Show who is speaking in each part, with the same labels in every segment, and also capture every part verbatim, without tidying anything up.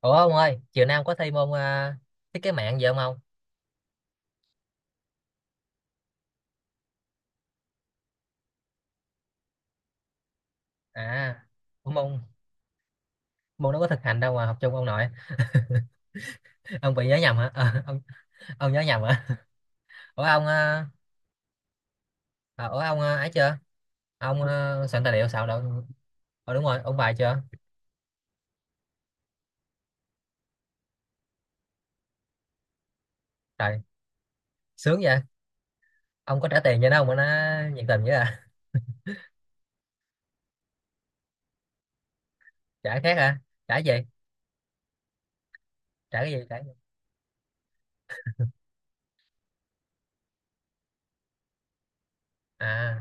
Speaker 1: Ủa ông ơi, chiều nay ông có thi môn à, thiết kế mạng gì không ông? À, ủa môn môn nó có thực hành đâu mà học chung ông nội. Ông bị nhớ nhầm hả? Ờ, ông ông nhớ nhầm hả? Ủa ông à, à, ủa ông à, ấy chưa? Ông à, soạn tài liệu soạn đâu? Ờ đúng rồi, ông bài chưa? Trời, sướng vậy. Ông có trả tiền cho nó không mà nó nhiệt tình vậy à? Trả khác hả? Trả gì? Trả cái gì? Trả à,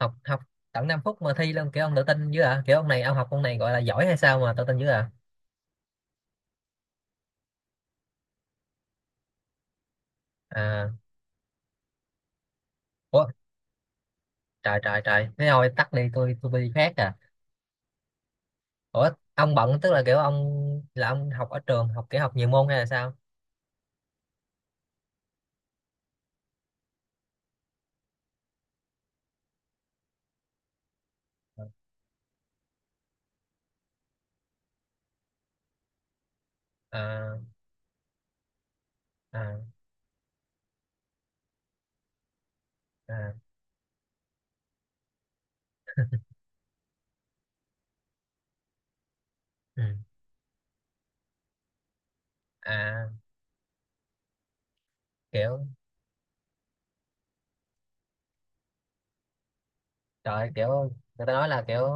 Speaker 1: học học tận năm phút mà thi luôn kiểu ông tự tin dữ à? Kiểu ông này ông học ông này gọi là giỏi hay sao mà tự tin dữ à? À, ủa trời trời trời thế thôi tắt đi tôi tôi đi khác à. Ủa ông bận tức là kiểu ông là ông học ở trường học kiểu học nhiều môn hay là sao? À, à, à, ừ, à, kiểu trời, kiểu người ta nói là kiểu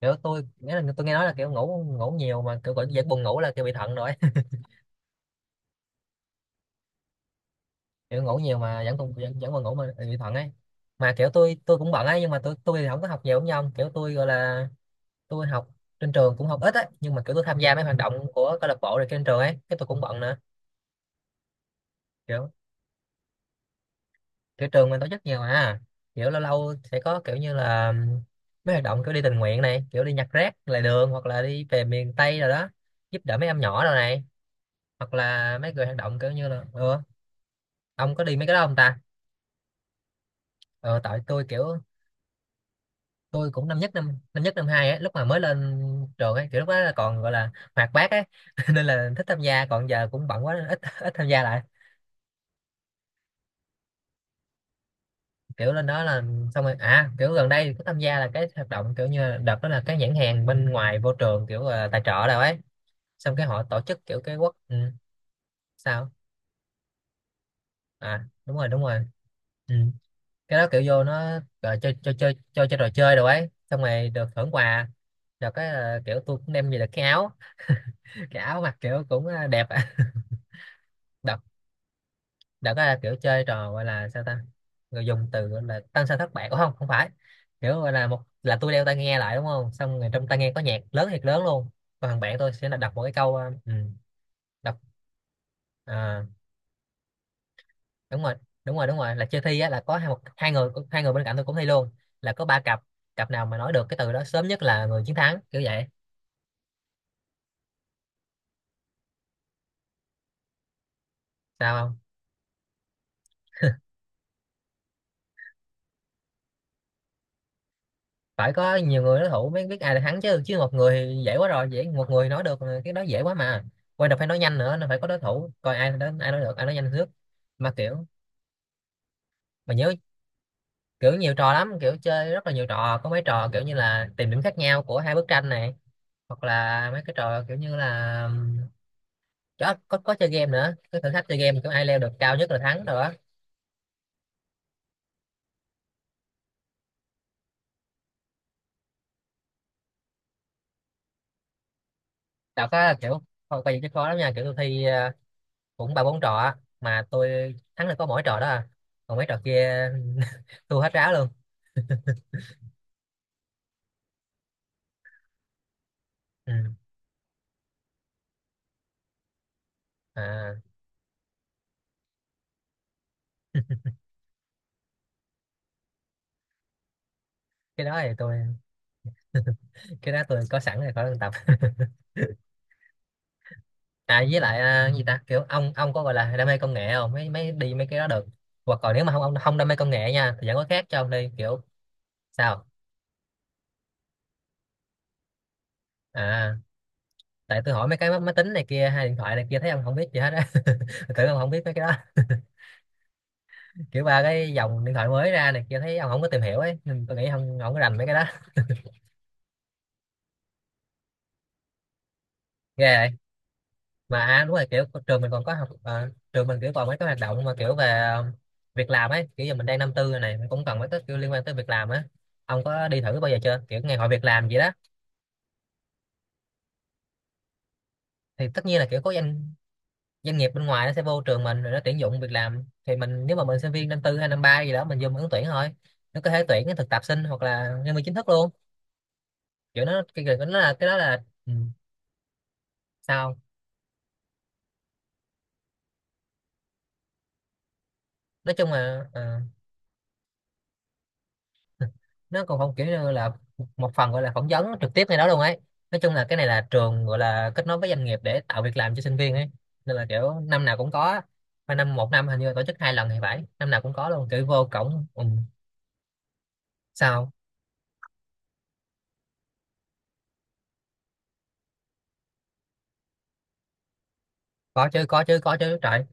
Speaker 1: kiểu tôi nghĩa là tôi nghe nói là kiểu ngủ ngủ nhiều mà kiểu vẫn vẫn buồn ngủ là kiểu bị thận rồi. Kiểu ngủ nhiều mà vẫn còn vẫn, vẫn buồn ngủ mà bị thận ấy. Mà kiểu tôi tôi cũng bận ấy nhưng mà tôi tôi thì không có học nhiều giống như ông, kiểu tôi gọi là tôi học trên trường cũng học ít á nhưng mà kiểu tôi tham gia mấy hoạt động của câu lạc bộ rồi trên trường ấy cái tôi cũng bận nữa. Kiểu kiểu trường mình tổ chức nhiều mà, kiểu lâu lâu sẽ có kiểu như là mấy hoạt động kiểu đi tình nguyện này, kiểu đi nhặt rác lề đường hoặc là đi về miền Tây rồi đó, giúp đỡ mấy em nhỏ rồi này, hoặc là mấy người hoạt động kiểu như là, ừ, ông có đi mấy cái đó không ta? Ờ tại tôi kiểu tôi cũng năm nhất năm năm nhất năm hai á lúc mà mới lên trường ấy, kiểu lúc đó là còn gọi là hoạt bát ấy nên là thích tham gia, còn giờ cũng bận quá nên ít ít tham gia lại. Kiểu lên đó là xong rồi, à kiểu gần đây có tham gia là cái hoạt động kiểu như là đợt đó là cái nhãn hàng bên ngoài vô trường kiểu là tài trợ đâu ấy, xong cái họ tổ chức kiểu cái quốc, ừ, sao? À đúng rồi đúng rồi, ừ. Cái đó kiểu vô nó gọi chơi chơi chơi chơi chơi trò chơi đồ ấy xong rồi được thưởng quà, được cái là kiểu tôi cũng đem về được cái áo, cái áo mặc kiểu cũng à, đẹp. Đợt đã có là kiểu chơi trò gọi là sao ta, người dùng từ gọi là tăng sao thất bại. Ủa không không phải, kiểu gọi là một là tôi đeo tai nghe lại đúng không, xong rồi trong tai nghe có nhạc lớn thiệt lớn luôn, còn thằng bạn tôi sẽ là đọc một cái câu ờ, ừ, đọc, à, đúng rồi đúng rồi đúng rồi, là chơi thi á, là có hai một hai người hai người bên cạnh tôi cũng thi luôn, là có ba cặp, cặp nào mà nói được cái từ đó sớm nhất là người chiến thắng kiểu vậy. Sao không, phải có nhiều người đối thủ mới biết ai là thắng chứ, chứ một người thì dễ quá rồi, dễ một người nói được mà, cái đó dễ quá mà quan trọng phải nói nhanh nữa, nó phải có đối thủ coi ai đến ai nói được, ai nói nhanh trước. Mà kiểu mà nhớ kiểu nhiều trò lắm, kiểu chơi rất là nhiều trò có mấy trò kiểu như là tìm điểm khác nhau của hai bức tranh này, hoặc là mấy cái trò kiểu như là đó, có có chơi game nữa cái thử thách chơi game kiểu ai leo được cao nhất là thắng rồi đó. Đọc á Đạo có kiểu không, coi vậy chứ khó lắm nha, kiểu tôi thi ờ, cũng ba bốn trò á mà tôi thắng được có mỗi trò đó à, còn mấy trò kia tôi hết ráo luôn. Ừ. À, cái đó thì tôi cái đó tôi có sẵn rồi khỏi cần tập. À với lại à, gì ta, kiểu ông ông có gọi là đam mê công nghệ không, mấy mấy đi mấy cái đó được, hoặc còn nếu mà không ông không đam mê công nghệ nha thì vẫn có khác cho ông đi kiểu. Sao? À tại tôi hỏi mấy cái máy máy tính này kia hay điện thoại này kia thấy ông không biết gì hết á. Tôi tưởng ông không biết mấy cái đó. Kiểu ba cái dòng điện thoại mới ra này kia thấy ông không có tìm hiểu ấy nên tôi nghĩ ông không có rành mấy cái đó. Ghê vậy. Mà à, đúng rồi, kiểu trường mình còn có học ờ, trường mình kiểu còn mấy cái hoạt động mà kiểu về ờ, việc làm ấy, kiểu giờ mình đang năm tư rồi này, mình cũng cần mấy cái kiểu liên quan tới việc làm á. Ông có đi thử bao giờ chưa kiểu ngày hội việc làm gì đó? Thì tất nhiên là kiểu có doanh doanh nghiệp bên ngoài nó sẽ vô trường mình rồi nó tuyển dụng việc làm, thì mình nếu mà mình sinh viên năm tư hay năm ba gì đó mình vô mình ứng tuyển thôi, nó có thể tuyển cái thực tập sinh hoặc là nhân viên chính thức luôn. Kiểu nó cái cái- nó là cái đó là, ừ, sao? Nói chung là ờ, nó còn không kiểu như là một phần gọi là phỏng vấn trực tiếp ngay đó luôn ấy. Nói chung là cái này là trường gọi là kết nối với doanh nghiệp để tạo việc làm cho sinh viên ấy, nên là kiểu năm nào cũng có, và năm một năm hình như là tổ chức hai lần thì phải, năm nào cũng có luôn kiểu vô cổng, ừ. Sao? Có chứ có chứ có chứ trời,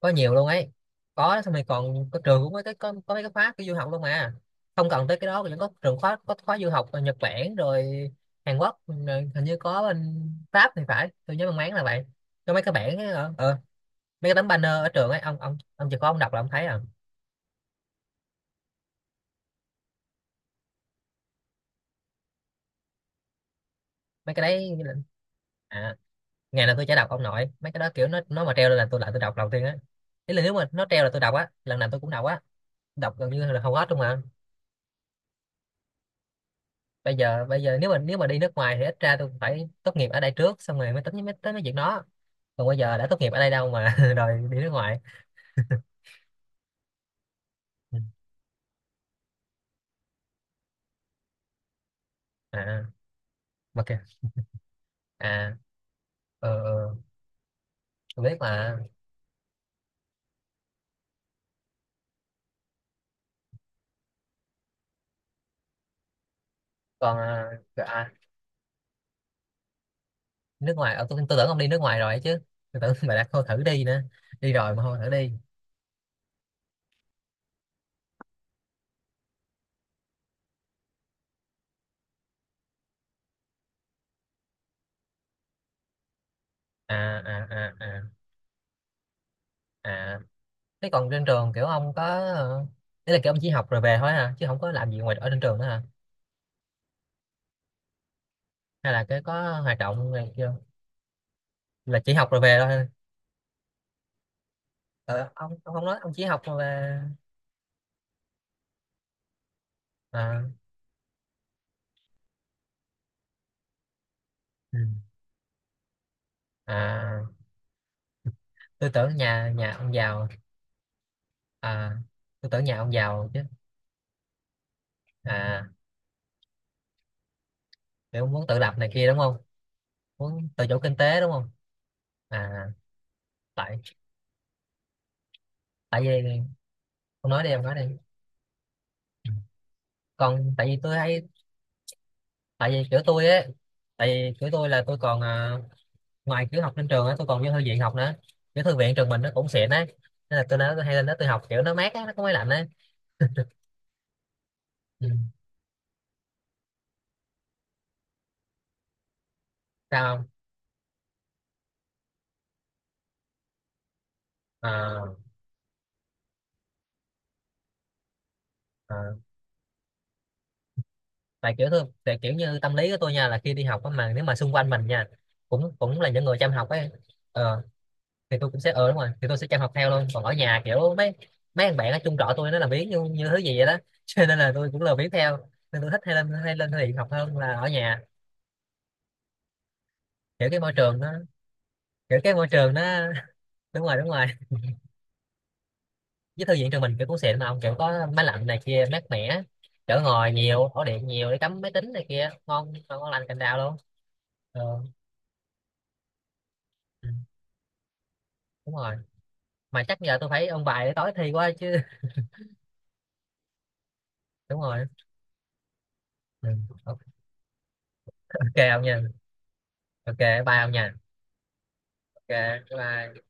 Speaker 1: có nhiều luôn ấy. Có xong rồi còn có trường cũng có cái có, có mấy cái khóa cái du học luôn mà, không cần tới cái đó vẫn có trường khóa có khóa du học ở Nhật Bản rồi Hàn Quốc rồi hình như có bên Pháp thì phải, tôi nhớ mang máng là vậy. Có mấy cái bản ấy, ở, ở mấy cái tấm banner ở trường ấy, ông ông ông chỉ có ông đọc là ông thấy à. Mấy cái đấy như là- à, ngày nào tôi chả đọc ông nội mấy cái đó, kiểu nó nó mà treo lên là tôi lại tôi đọc đầu tiên á. Ý là nếu mà nó treo là tôi đọc á, lần nào tôi cũng đọc á, đọc gần như là hầu hết luôn mà. Bây giờ bây giờ nếu mà nếu mà đi nước ngoài thì ít ra tôi phải tốt nghiệp ở đây trước xong rồi mới tính mới tới mấy chuyện đó, còn bây giờ đã tốt nghiệp ở đây đâu mà đòi đi nước ngoài. Ừ. À. Ok. À. Ờ. Ừ, ừ, tôi biết mà. Còn à, à, nước ngoài ờ, tôi, tôi tưởng ông đi nước ngoài rồi ấy chứ, tôi tưởng bà đã không thử đi nữa, đi rồi mà không thử đi. À à à à à thế còn trên trường kiểu ông có ờ, ý là kiểu ông chỉ học rồi về thôi hả, chứ không có làm gì ngoài ở trên trường nữa hả, hay là cái có hoạt động này kia. Là chỉ học rồi về thôi. Ờ, ông ông không nói ông chỉ học rồi về. À, ừ. À, tôi tưởng nhà nhà ông giàu. À tôi tưởng nhà ông giàu chứ. À kiểu muốn tự lập này kia đúng không, muốn tự chủ kinh tế đúng không. À tại tại vì không nói đi em nói đi, còn tại vì tôi hay tại vì kiểu tôi ấy, tại vì kiểu tôi là tôi còn à, ngoài kiểu học trên trường á tôi còn vô thư viện học nữa, cái thư viện trường mình nó cũng xịn đấy, nên là tôi nói tôi hay lên đó tôi học kiểu nó mát á, nó có máy lạnh đấy. Ừ. Sao không? À, à, tại kiểu tôi tại kiểu như tâm lý của tôi nha là khi đi học á mà nếu mà xung quanh mình nha cũng cũng là những người chăm học ấy, ờ, thì tôi cũng sẽ ờ đúng rồi thì tôi sẽ chăm học theo luôn, còn ở nhà kiểu mấy mấy thằng bạn ở chung trọ tôi nó làm biếng như, như thứ gì vậy đó, cho nên là tôi cũng lười biếng theo nên tôi thích hay lên hay lên thư viện học hơn là ở nhà. Kiểu cái môi trường nó kiểu cái môi trường nó. Đúng rồi đúng rồi, với thư viện trường mình kiểu cũng xịn mà ông, kiểu có máy lạnh này kia mát mẻ, chỗ ngồi nhiều, ổ điện nhiều để cắm máy tính này kia, ngon ngon ngon lành cành đào luôn. Ờ, ừ, đúng rồi, mà chắc giờ tôi phải ôn bài để tối thi quá chứ. Đúng rồi. Ừ. Ok ông nha. Ok. Bye ông nha. Ok. Bye.